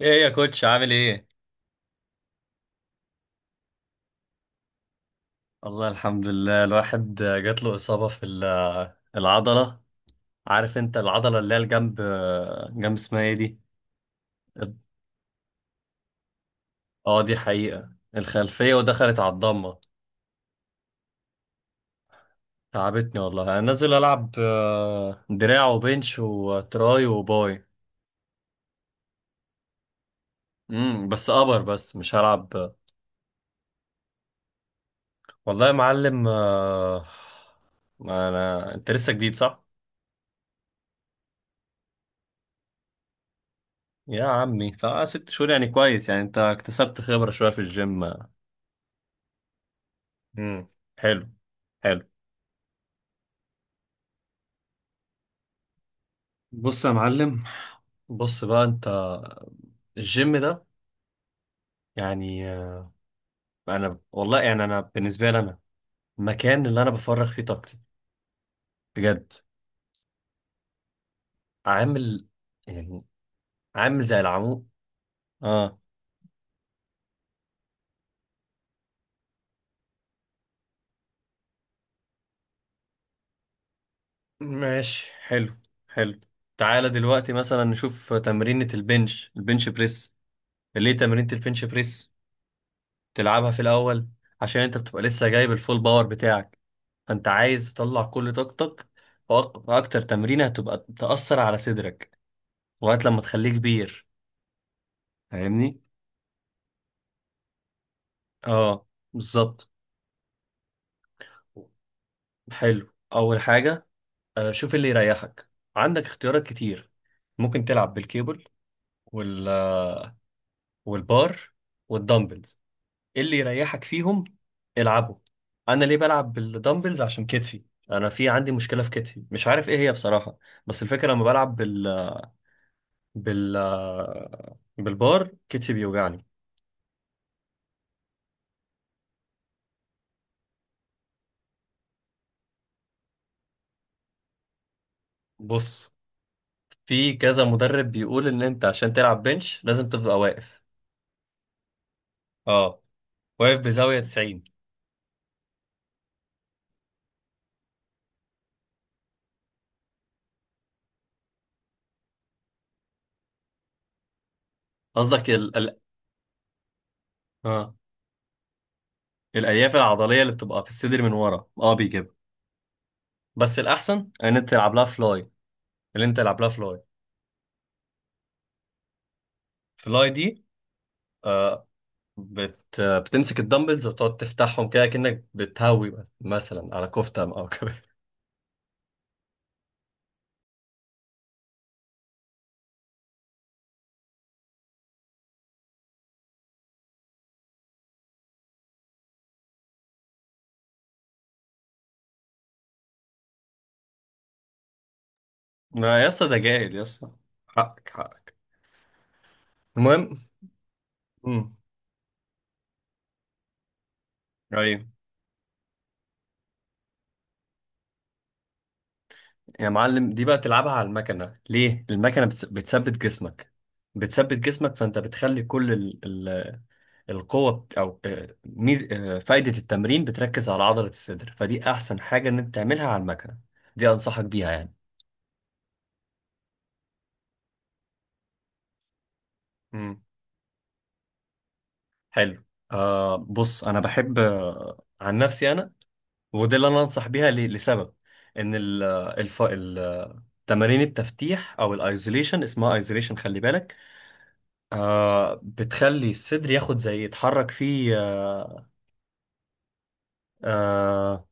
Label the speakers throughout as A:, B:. A: ايه يا كوتش، عامل ايه؟ والله، الحمد لله. الواحد جات له إصابة في العضلة. عارف انت العضلة اللي هي الجنب. جنب اسمها ايه دي؟ اه، دي حقيقة. الخلفية ودخلت على الضمة. تعبتني والله. انا نازل العب دراع وبنش وتراي وباي. بس ابر، بس مش هلعب. والله يا معلم. ما انا انت لسه جديد، صح؟ يا عمي، فست شهور يعني كويس، يعني انت اكتسبت خبرة شوية في الجيم. امم حلو، حلو. بص يا معلم، بص بقى انت. الجيم ده يعني انا والله يعني انا بالنسبه لي انا، المكان اللي انا بفرغ فيه طاقتي بجد، عامل يعني عامل زي العمود. اه، ماشي. حلو، حلو. تعالى دلوقتي مثلا نشوف تمرينة البنش بريس. ليه تمرينة البنش بريس تلعبها في الاول؟ عشان انت بتبقى لسه جايب الفول باور بتاعك، فانت عايز تطلع كل طاقتك، فاكتر تمرينه هتبقى تأثر على صدرك لغايه لما تخليه كبير. فاهمني. اه، بالظبط. حلو، اول حاجه شوف اللي يريحك. عندك اختيارات كتير. ممكن تلعب بالكيبل، وال والبار والدمبلز. اللي يريحك فيهم العبه. انا ليه بلعب بالدمبلز؟ عشان كتفي. انا في عندي مشكله في كتفي، مش عارف ايه هي بصراحه، بس الفكره لما بلعب بال بالبار كتفي بيوجعني. بص، في كذا مدرب بيقول ان انت عشان تلعب بنش لازم تبقى اه واقف بزاوية 90. قصدك ال... ال... اه، الالياف العضلية اللي بتبقى في الصدر من ورا بيجيبها، بس الاحسن ان انت تلعب لها فلاي. اللي انت تلعب لها فلاي. فلاي دي آه بتمسك الدمبلز وتقعد تفتحهم كده، كأنك بتهوي مثلا على كفتة او كده ما يسطا، ده جاهل يسطا. حقك، حقك. المهم، امم ايوه يا معلم، دي بقى تلعبها على المكنة. ليه؟ المكنة بتثبت جسمك. بتثبت جسمك، فأنت بتخلي كل ال ال القوة بت- أو آه، ميز آه، فايدة التمرين بتركز على عضلة الصدر، فدي أحسن حاجة إن أنت تعملها على المكنة. دي أنصحك بيها يعني. مم. حلو. بص، أنا بحب عن نفسي أنا، ودي اللي أنا أنصح بيها لسبب إن ال الف ال تمارين التفتيح أو الايزوليشن، اسمها ايزوليشن خلي بالك، بتخلي الصدر ياخد زي يتحرك فيه. اه, آه,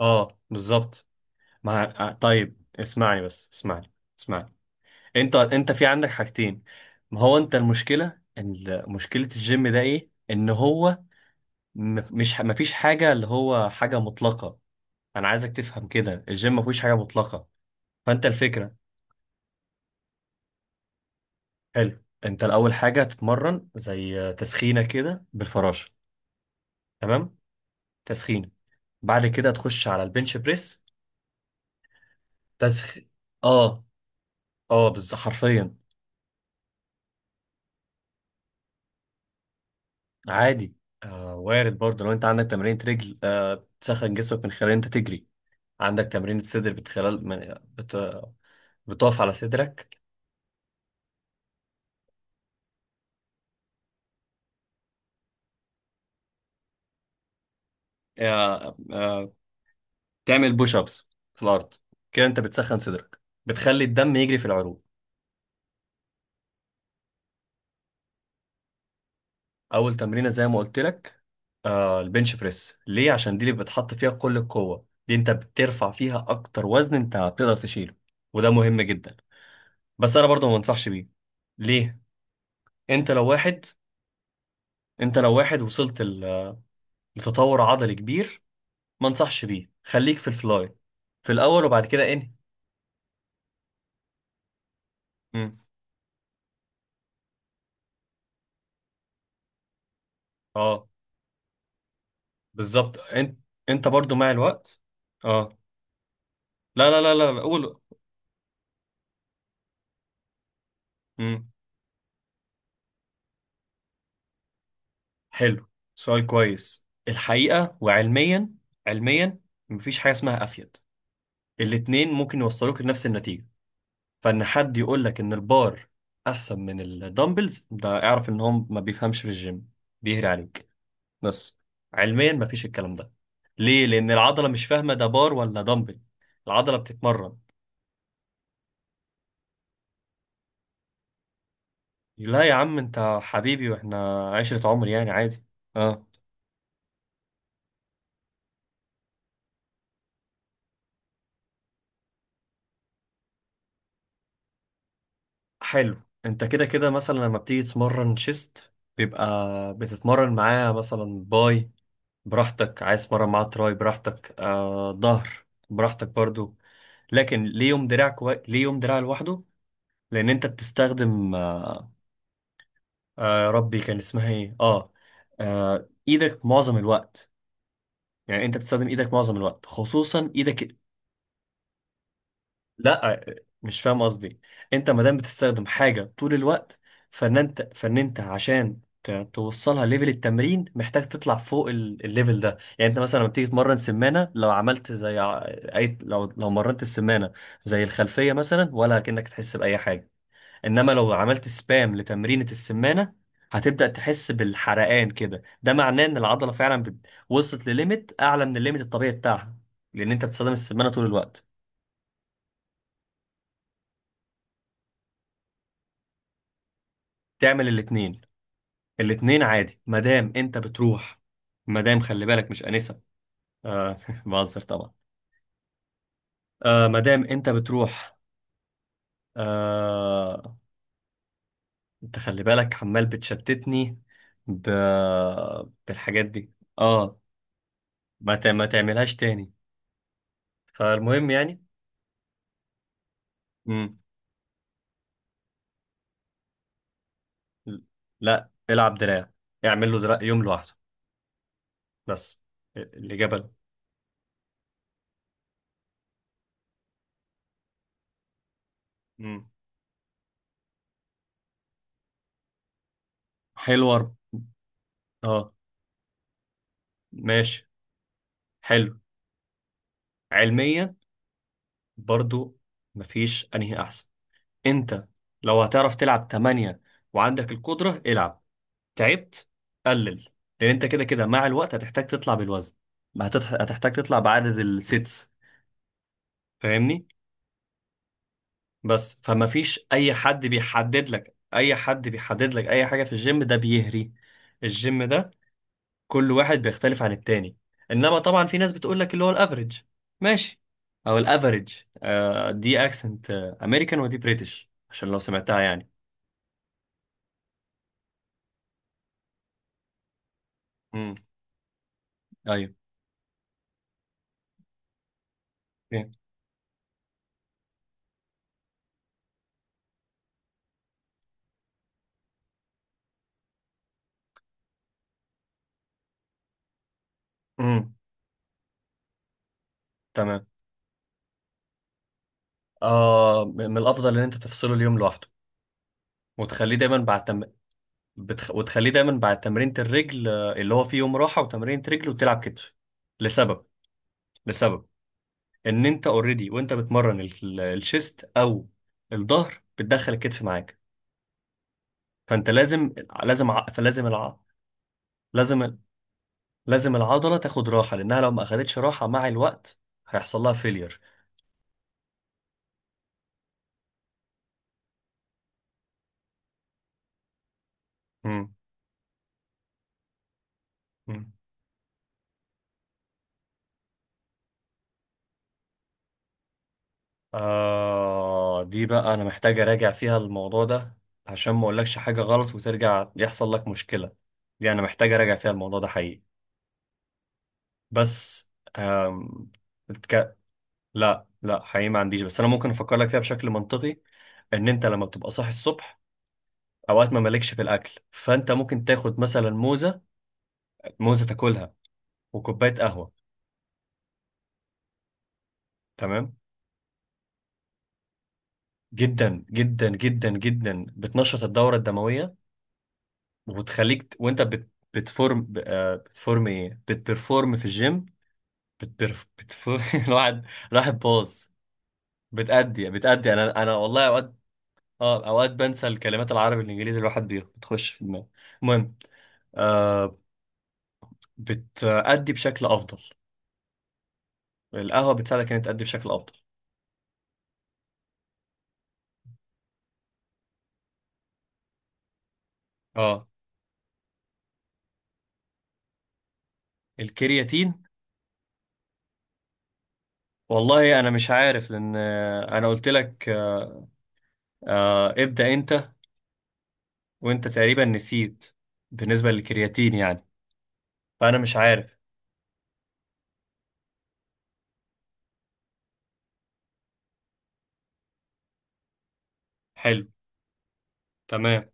A: آه، بالظبط. مع طيب اسمعني، بس اسمعني. اسمعني، انت في عندك حاجتين. ما هو انت، المشكله مشكله الجيم ده ايه؟ ان هو مش، ما فيش حاجه، اللي هو حاجه مطلقه. انا عايزك تفهم كده، الجيم ما فيش حاجه مطلقه. فانت الفكره، حلو. انت الاول حاجه هتتمرن زي تسخينه كده بالفراشه. تمام. تسخينه. بعد كده تخش على البنش بريس. تسخين. اه، اه بس حرفيا. عادي. وارد برضه. لو انت عندك تمرين رجل تسخن جسمك من خلال انت تجري. عندك تمرين صدر بتخلال من بتقف على صدرك. آه آه تعمل بوش ابس في الارض، كده انت بتسخن صدرك، بتخلي الدم يجري في العروق. اول تمرينه زي ما قلت لك، البنش بريس. ليه؟ عشان دي اللي بتحط فيها كل القوه. دي انت بترفع فيها اكتر وزن انت بتقدر تشيله، وده مهم جدا. بس انا برضه ما انصحش بيه. ليه؟ انت لو واحد، وصلت لتطور عضلي كبير، ما انصحش بيه. خليك في الفلاي في الاول، وبعد كده انهي. مم. اه، بالظبط. انت، انت برضو مع الوقت. اه. لا لا لا لا لا، قول. مم. حلو، سؤال كويس الحقيقة. وعلميا، علميا مفيش حاجة اسمها افيد. الاتنين ممكن يوصلوك لنفس النتيجة. فان حد يقول لك ان البار احسن من الدمبلز، ده اعرف ان هو ما بيفهمش في الجيم، بيهري عليك. بس علميا مفيش الكلام ده. ليه؟ لان العضله مش فاهمه ده بار ولا دمبل. العضله بتتمرن. لا يا عم، انت حبيبي، واحنا عشره عمر يعني عادي. اه. حلو، انت كده كده مثلا لما بتيجي تتمرن شيست بيبقى بتتمرن معاه مثلا باي. براحتك. عايز تتمرن معاه تراي، براحتك. ظهر، براحتك برضو. لكن ليه يوم دراع ليه يوم دراع لوحده؟ لان انت بتستخدم ربي، كان اسمها ايه؟ اه ايدك معظم الوقت. يعني انت بتستخدم ايدك معظم الوقت، خصوصا ايدك. لا، مش فاهم قصدي. انت ما دام بتستخدم حاجه طول الوقت، فان انت عشان توصلها ليفل التمرين، محتاج تطلع فوق الليفل ده. يعني انت مثلا لما بتيجي تمرن سمانه، لو عملت اي، لو مرنت السمانه زي الخلفيه مثلا، ولا كأنك تحس باي حاجه. انما لو عملت سبام لتمرينة السمانة، هتبدأ تحس بالحرقان كده. ده معناه ان العضلة فعلا وصلت لليميت اعلى من الليميت الطبيعي بتاعها، لان انت بتستخدم السمانة طول الوقت. تعمل الاتنين. الاتنين عادي، مادام انت بتروح. مادام، خلي بالك مش آنسة. آه بهزر طبعا. مادام انت بتروح. آه انت خلي بالك، عمال بتشتتني ب... بالحاجات دي. اه، ما تعملهاش تاني. فالمهم، يعني، لا، العب دراع. اعمل له دراع يوم لوحده بس. الإجابة لا. مم. حلوة. اه. ماشي. حلو، علميا برضو مفيش انهي احسن. انت لو هتعرف تلعب تمانية وعندك القدرة، العب. تعبت، قلل. لان انت كده كده مع الوقت هتحتاج تطلع بالوزن. ما هتحتاج تطلع بعدد السيتس. فاهمني؟ بس فمفيش اي حد بيحدد لك، اي حاجة في الجيم. ده بيهري. الجيم ده كل واحد بيختلف عن التاني. انما طبعا في ناس بتقول لك اللي هو الافريج، ماشي، او الافريج. دي اكسنت امريكان، ودي بريتش، عشان لو سمعتها يعني. امم ايوه. اوكي. امم تمام. من الافضل ان انت تفصله اليوم لوحده، وتخليه دايما بعد وتخليه دايما بعد تمرينة الرجل. اللي هو فيه يوم راحة وتمرينة رجل وتلعب كتف. لسبب، لسبب ان انت اوريدي وانت بتمرن الشيست او الظهر بتدخل الكتف معاك، فانت لازم، لازم ع- فلازم الع... لازم ال- لازم العضله تاخد راحه، لانها لو ما اخدتش راحه مع الوقت هيحصل لها فيلير. مم. مم. دي بقى انا محتاج اراجع فيها الموضوع ده، عشان ما اقولكش حاجه غلط وترجع يحصل لك مشكله. دي انا محتاج اراجع فيها الموضوع ده حقيقي. بس، آم... بتك... لا لا، حقيقي ما عنديش، بس انا ممكن افكر لك فيها بشكل منطقي. ان انت لما بتبقى صاحي الصبح، اوقات ما مالكش في الاكل، فانت ممكن تاخد مثلا موزه. موزه تاكلها، وكوباية قهوة. تمام. جدا جدا جدا جدا، بتنشط الدورة الدموية، وبتخليك وانت بتفورم ب- آه، بتفورم ايه بتبرفورم في الجيم. بتفورم الواحد راح باظ. بتأدي، انا والله اوقات، اه، اوقات بنسى الكلمات، العربي الانجليزي الواحد بتخش في دماغه. المهم، آه بتأدي بشكل افضل. القهوة بتساعدك انك تأدي بشكل افضل. اه، الكرياتين. والله انا مش عارف، لان انا قلت لك ابدأ انت، وانت تقريبا نسيت بالنسبة للكرياتين يعني، فأنا مش عارف. حلو. تمام.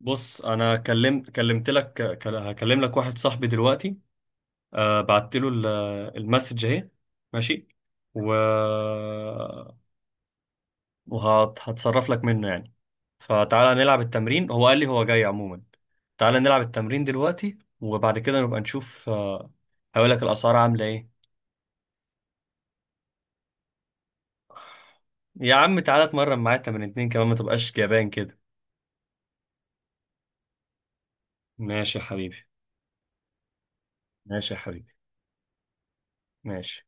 A: بص، أنا كلمت لك، هكلم لك واحد صاحبي دلوقتي. بعت له المسج اهي. ماشي. و وهتصرف لك منه يعني. فتعالى نلعب التمرين، هو قال لي هو جاي عموما. تعالى نلعب التمرين دلوقتي، وبعد كده نبقى نشوف. هقول لك الأسعار عاملة ايه. يا عم تعالى اتمرن معايا تمرين اتنين كمان، ما تبقاش جبان كده. ماشي يا حبيبي. ماشي يا حبيبي. ماشي.